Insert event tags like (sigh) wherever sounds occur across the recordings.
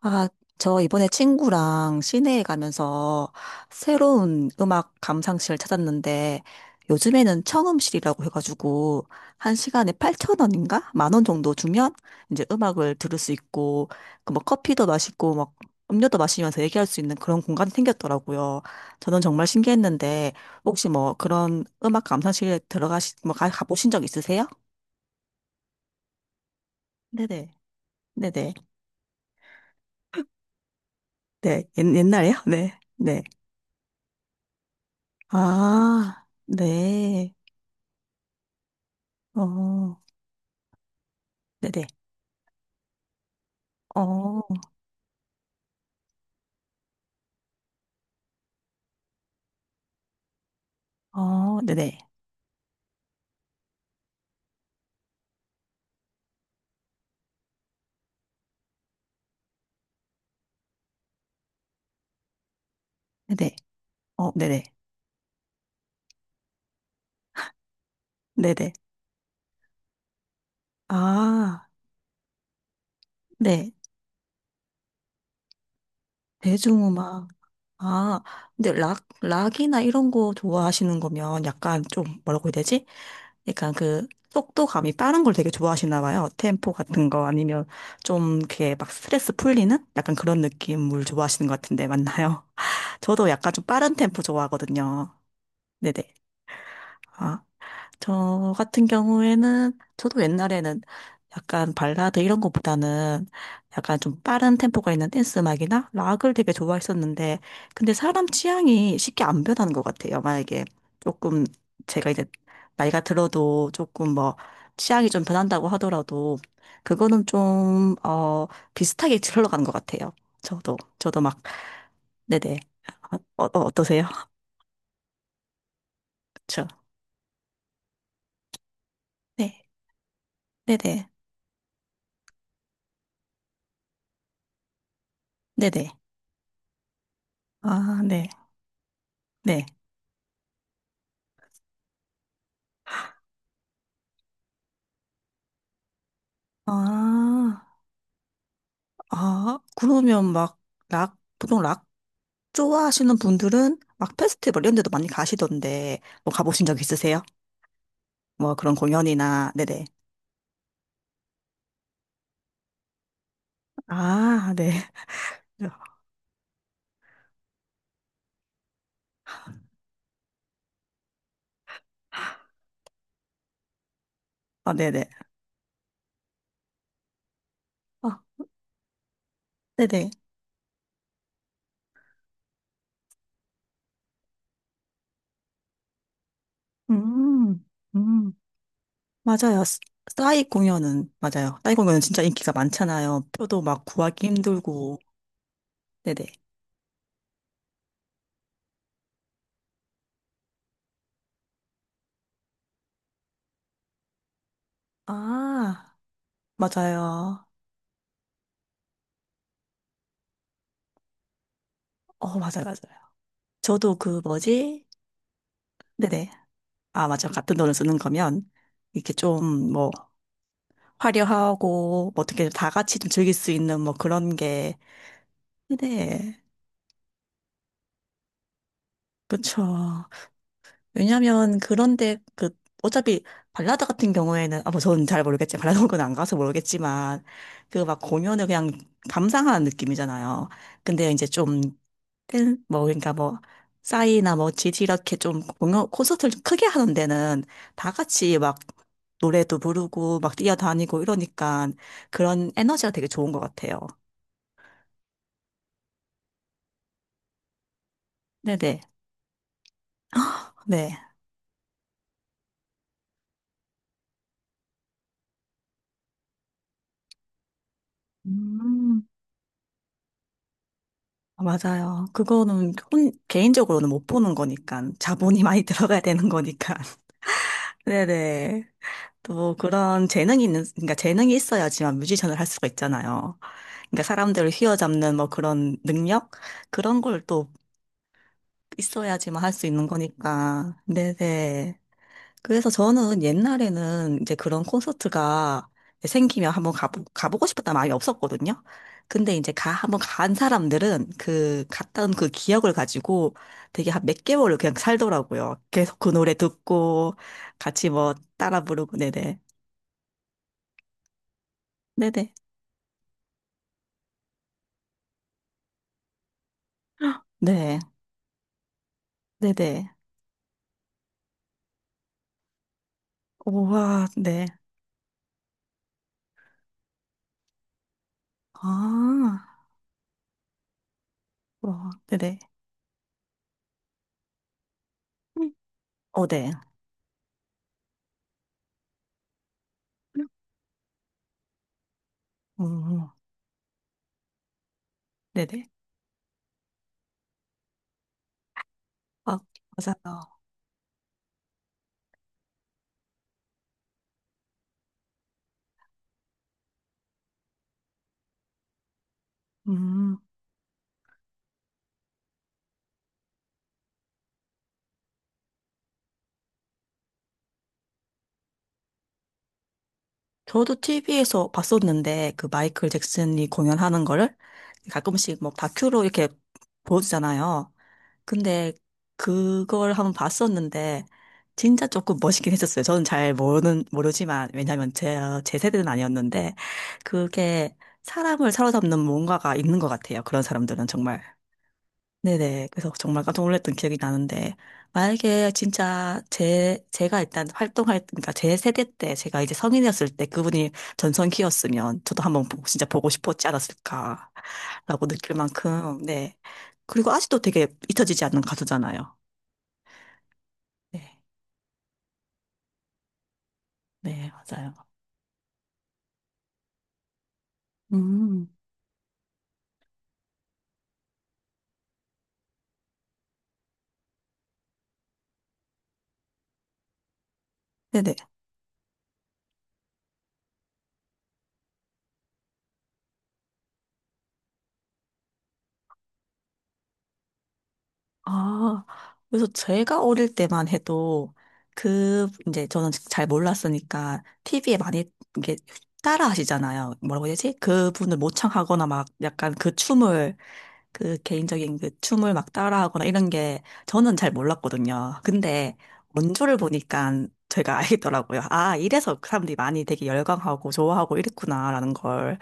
아, 저 이번에 친구랑 시내에 가면서 새로운 음악 감상실 찾았는데 요즘에는 청음실이라고 해가지고 한 시간에 8천원인가 만원 정도 주면 이제 음악을 들을 수 있고 그 뭐 커피도 마시고 막 음료도 마시면서 얘기할 수 있는 그런 공간이 생겼더라고요. 저는 정말 신기했는데 혹시 뭐 그런 음악 감상실에 들어가시 뭐 가, 가보신 적 있으세요? 네네. 네네. 네. 옛, 옛날에요? 네. 네. 아, 네. 어, 네네. 어, 어, 네네. 네네. 어, 네네. 네네. 아, 네. 대중음악. 아, 근데 락, 락이나 이런 거 좋아하시는 거면 약간 좀 뭐라고 해야 되지? 약간 그 속도감이 빠른 걸 되게 좋아하시나 봐요. 템포 같은 거 아니면 좀 이렇게 막 스트레스 풀리는 약간 그런 느낌을 좋아하시는 것 같은데 맞나요? (laughs) 저도 약간 좀 빠른 템포 좋아하거든요. 네네. 아. 저 같은 경우에는 저도 옛날에는 약간 발라드 이런 것보다는 약간 좀 빠른 템포가 있는 댄스 음악이나 락을 되게 좋아했었는데 근데 사람 취향이 쉽게 안 변하는 것 같아요. 만약에 조금 제가 이제 나이가 들어도 조금 뭐 취향이 좀 변한다고 하더라도 그거는 좀, 어, 비슷하게 흘러가는 것 같아요. 저도 막, 네네. 어, 어, 어떠세요? (laughs) 그 네. 네네. 네네. 아, 네. 네. 아, 아, 그러면 막, 락, 보통 락 좋아하시는 분들은 막 페스티벌 이런 데도 많이 가시던데, 뭐 가보신 적 있으세요? 뭐 그런 공연이나, 네네. 아, 네. (laughs) 아, 네네. 아, 네네. 음, 음. 맞아요. 스- 싸이 공연은, 맞아요. 싸이 공연은 진짜 인기가 많잖아요. 표도 막 구하기 힘들고, 네네. 아, 맞아요. 어, 맞아요. 저도 그 뭐지? 네네. 아, 맞아. 같은 돈을 쓰는 거면, 이렇게 좀, 뭐, 화려하고, 뭐 어떻게 다 같이 좀 즐길 수 있는, 뭐, 그런 게, 네. 그쵸. 왜냐면, 그런데, 그, 어차피, 발라드 같은 경우에는, 아, 뭐, 저는 잘 모르겠지만, 발라드 곡은 안 가서 모르겠지만, 그 막 공연을 그냥 감상하는 느낌이잖아요. 근데 이제 좀, 그, 뭐, 그러니까 뭐, 싸이나 뭐, 지지 이렇게 좀 공연, 콘서트를 좀 크게 하는 데는 다 같이 막 노래도 부르고 막 뛰어다니고 이러니까 그런 에너지가 되게 좋은 것 같아요. 네네. (laughs) (gasps) 네. 음, 맞아요. 그거는 혼, 개인적으로는 못 보는 거니까 자본이 많이 (laughs) 들어가야 되는 거니까. (laughs) 네네. 또 그런 재능이 있는, 그러니까 재능이 있어야지만 뮤지션을 할 수가 있잖아요. 그러니까 사람들을 휘어잡는 뭐 그런 능력? 그런 걸또 있어야지만 할 수 있는 거니까. 네네. 그래서 저는 옛날에는 이제 그런 콘서트가 생기면 한번 가보, 가보고 싶었다는 마음이 없었거든요. 근데 이제 가, 한번 간 사람들은 그, 갔던 그 기억을 가지고 되게 한 몇 개월을 그냥 살더라고요. 계속 그 노래 듣고 같이 뭐 따라 부르고, 네네. 네네. 네. 네네. 우와, 네. 아, 와, 네네. 어, 네. 음, 네네. 아, 맞아요. 음, 저도 TV에서 봤었는데, 그 마이클 잭슨이 공연하는 거를 가끔씩 뭐 다큐로 이렇게 보여주잖아요. 근데 그걸 한번 봤었는데, 진짜 조금 멋있긴 했었어요. 저는 잘 모르는, 모르지만, 왜냐면 제 세대는 아니었는데, 그게 사람을 사로잡는 뭔가가 있는 것 같아요. 그런 사람들은 정말. 네네. 그래서 정말 깜짝 놀랐던 기억이 나는데, 만약에 진짜 제, 제가 일단 활동할, 그러니까 제 세대 때, 제가 이제 성인이었을 때 그분이 전성기였으면 저도 한번 보고, 진짜 보고 싶었지 않았을까라고 느낄 만큼, 네. 그리고 아직도 되게 잊혀지지 않는 가수잖아요. 네. 네, 맞아요. 음. 네네. 아, 그래서 제가 어릴 때만 해도 그, 이제 저는 잘 몰랐으니까 TV에 많이 이게 따라 하시잖아요. 뭐라고 해야 되지? 그분을 모창하거나 막 약간 그 춤을, 그 개인적인 그 춤을 막 따라 하거나 이런 게 저는 잘 몰랐거든요. 근데 원조를 보니까 제가 (laughs) 알겠더라고요. 아, 이래서 그 사람들이 많이 되게 열광하고 좋아하고 이랬구나라는 걸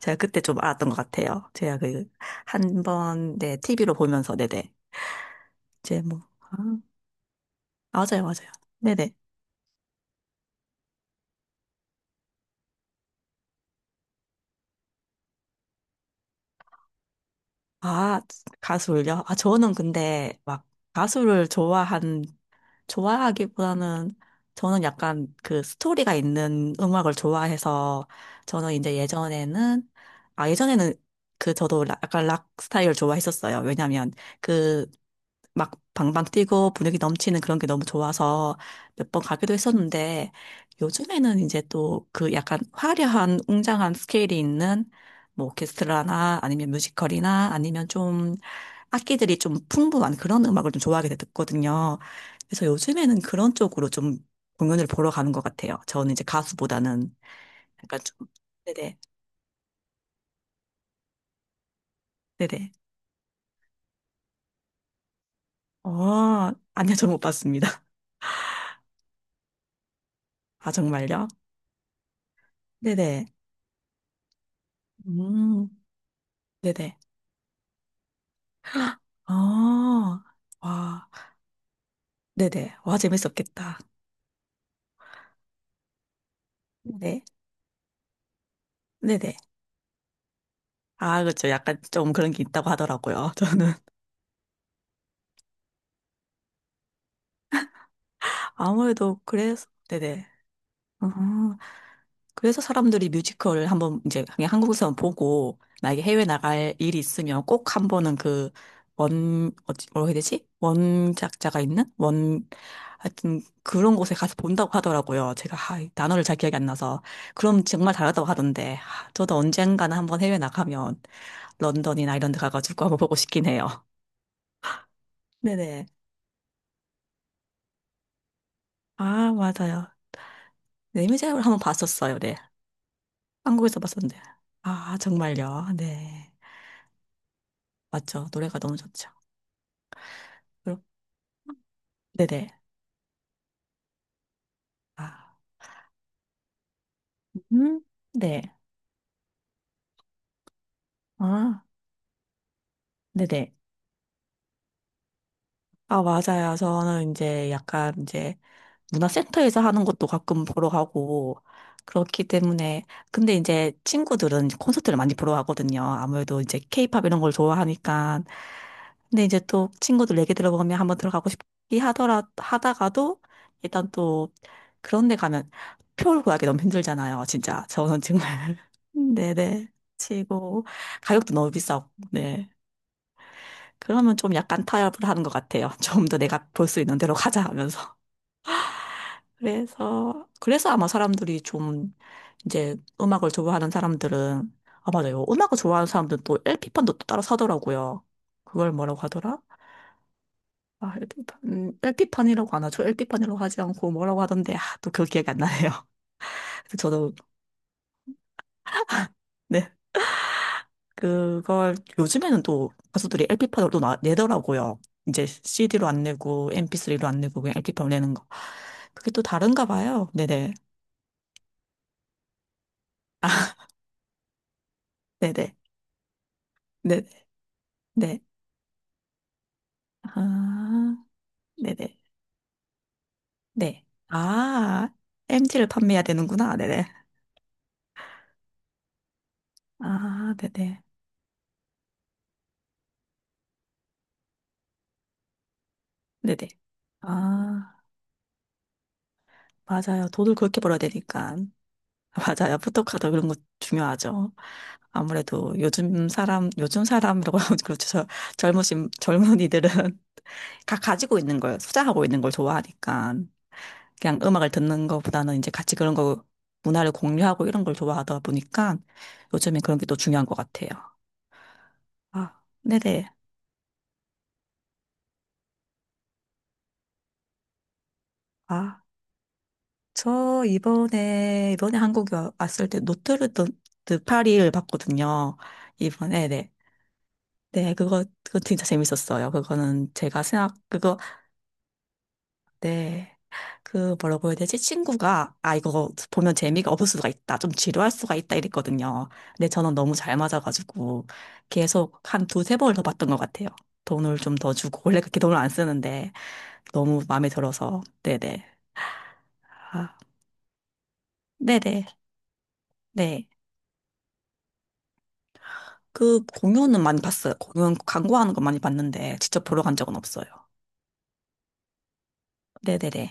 제가 그때 좀 알았던 것 같아요. 제가 그 한 번, 네, TV로 보면서, 네네. 이제 뭐, 아, 맞아요. 네네. 아, 가수를요? 아, 저는 근데 막 가수를 좋아한 좋아하기보다는 저는 약간 그 스토리가 있는 음악을 좋아해서 저는 이제 예전에는 아 예전에는 그 저도 라- 약간 락 스타일을 좋아했었어요. 왜냐면 그 막 방방 뛰고 분위기 넘치는 그런 게 너무 좋아서 몇 번 가기도 했었는데 요즘에는 이제 또 그 약간 화려한 웅장한 스케일이 있는 뭐 오케스트라나 아니면 뮤지컬이나 아니면 좀 악기들이 좀 풍부한 그런 음악을 좀 좋아하게 됐거든요. 그래서 요즘에는 그런 쪽으로 좀 공연을 보러 가는 것 같아요. 저는 이제 가수보다는 약간 좀, 네네, 네네. 어, 아니요, 저 못 봤습니다. (laughs) 아, 정말요? 네네. 음, 네네. 아, 와, 네네. 와, 재밌었겠다. 네, 네네. 아, 그렇죠. 약간 좀 그런 게 있다고 하더라고요. 저는 (laughs) 아무래도 그래서, 네네. 음, 그래서 사람들이 뮤지컬을 한번 이제 그냥 한국에서만 보고 만약에 해외 나갈 일이 있으면 꼭 한번은 그 원, 어찌, 뭐라고 해야 되지? 원작자가 있는? 원, 하여튼 그런 곳에 가서 본다고 하더라고요. 제가 아, 이 단어를 잘 기억이 안 나서. 그럼 정말 다르다고 하던데. 아, 저도 언젠가는 한번 해외 나가면 런던이나 이런 데 가가지고 한번 보고 싶긴 해요. (laughs) 네네. 아, 맞아요. 네, 이제지를 한번 봤었어요. 네. 한국에서 봤었는데. 아, 정말요. 네. 맞죠. 노래가 너무 좋죠. 네네. 아, 음, 네. 아, 네네. 아, 맞아요. 저는 이제 약간 이제 문화센터에서 하는 것도 가끔 보러 가고 그렇기 때문에 근데 이제 친구들은 콘서트를 많이 보러 가거든요. 아무래도 이제 케이팝 이런 걸 좋아하니까 근데 이제 또 친구들 얘기 들어보면 한번 들어가고 싶기 하더라 하다가도 일단 또 그런 데 가면 표를 구하기 너무 힘들잖아요. 진짜 저는 정말 (laughs) 네네 치고 가격도 너무 비싸고 네 그러면 좀 약간 타협을 하는 것 같아요. 좀 더 내가 볼 수 있는 대로 가자 하면서 그래서 아마 사람들이 좀 이제 음악을 좋아하는 사람들은, 아, 맞아요. 음악을 좋아하는 사람들은 또 LP판도 또 따로 사더라고요. 그걸 뭐라고 하더라? 아, LP판, 판이라고 안 하죠. LP판이라고 하지 않고 뭐라고 하던데, 아, 또 그 기억이 안 나네요. (laughs) 그래서 저도, 네, 그걸 요즘에는 또 가수들이 LP판으로 또 나- 내더라고요. 이제 CD로 안 내고, MP3로 안 내고, 그냥 LP판으로 내는 거. 그게 또 다른가 봐요. 네네. (laughs) 네네. 네네. 네. 아. 네네. 네. 아, MT를 판매해야 되는구나. 네네. 아, 네네. 네네. 아, 맞아요. 돈을 그렇게 벌어야 되니까. (laughs) 맞아요. 포토카드 그런 거 중요하죠. 아무래도 요즘 사람, 요즘 사람이라고 하면 (laughs) 그렇죠. 저- 젊으신, 젊은이들은 (laughs) 다 가지고 있는 걸, 소장하고 있는 걸 좋아하니까. 그냥 음악을 듣는 것보다는 이제 같이 그런 거, 문화를 공유하고 이런 걸 좋아하다 보니까 요즘에 그런 게 또 중요한 것 같아요. 아, 네네. 아. 저 이번에 한국에 와- 왔을 때 노트르담 드 파리를 봤거든요. 이번에 네. 네, 그거 진짜 재밌었어요. 그거는 제가 생각 그거 네. 그 뭐라고 해야 되지? 친구가 아 이거 보면 재미가 없을 수가 있다. 좀 지루할 수가 있다 이랬거든요. 근데 저는 너무 잘 맞아가지고 계속 한 두세 번을 더 봤던 것 같아요. 돈을 좀 더 주고 원래 그렇게 돈을 안 쓰는데 너무 마음에 들어서 네네. 아, 네네. 네. 그 공연은 많이 봤어요. 공연 광고하는 거 많이 봤는데 직접 보러 간 적은 없어요. 네네네.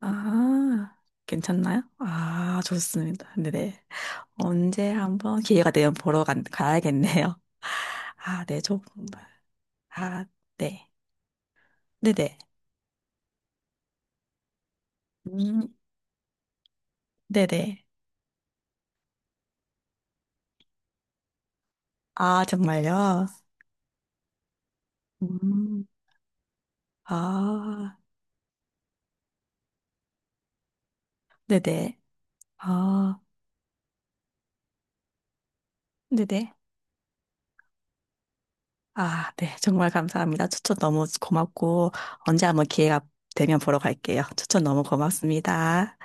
아, 괜찮나요? 아, 좋습니다. 네네. 언제 한번 기회가 되면 보러 간, 가야겠네요. (laughs) 아, 네, 저, 아, 네. 네네. 음, 네네. 아, 정말요? 음, 아, 네네. 아, 네네. 아, 네. 정말 감사합니다. 추천 너무 고맙고, 언제 한번 기회가 되면 보러 갈게요. 추천 너무 고맙습니다.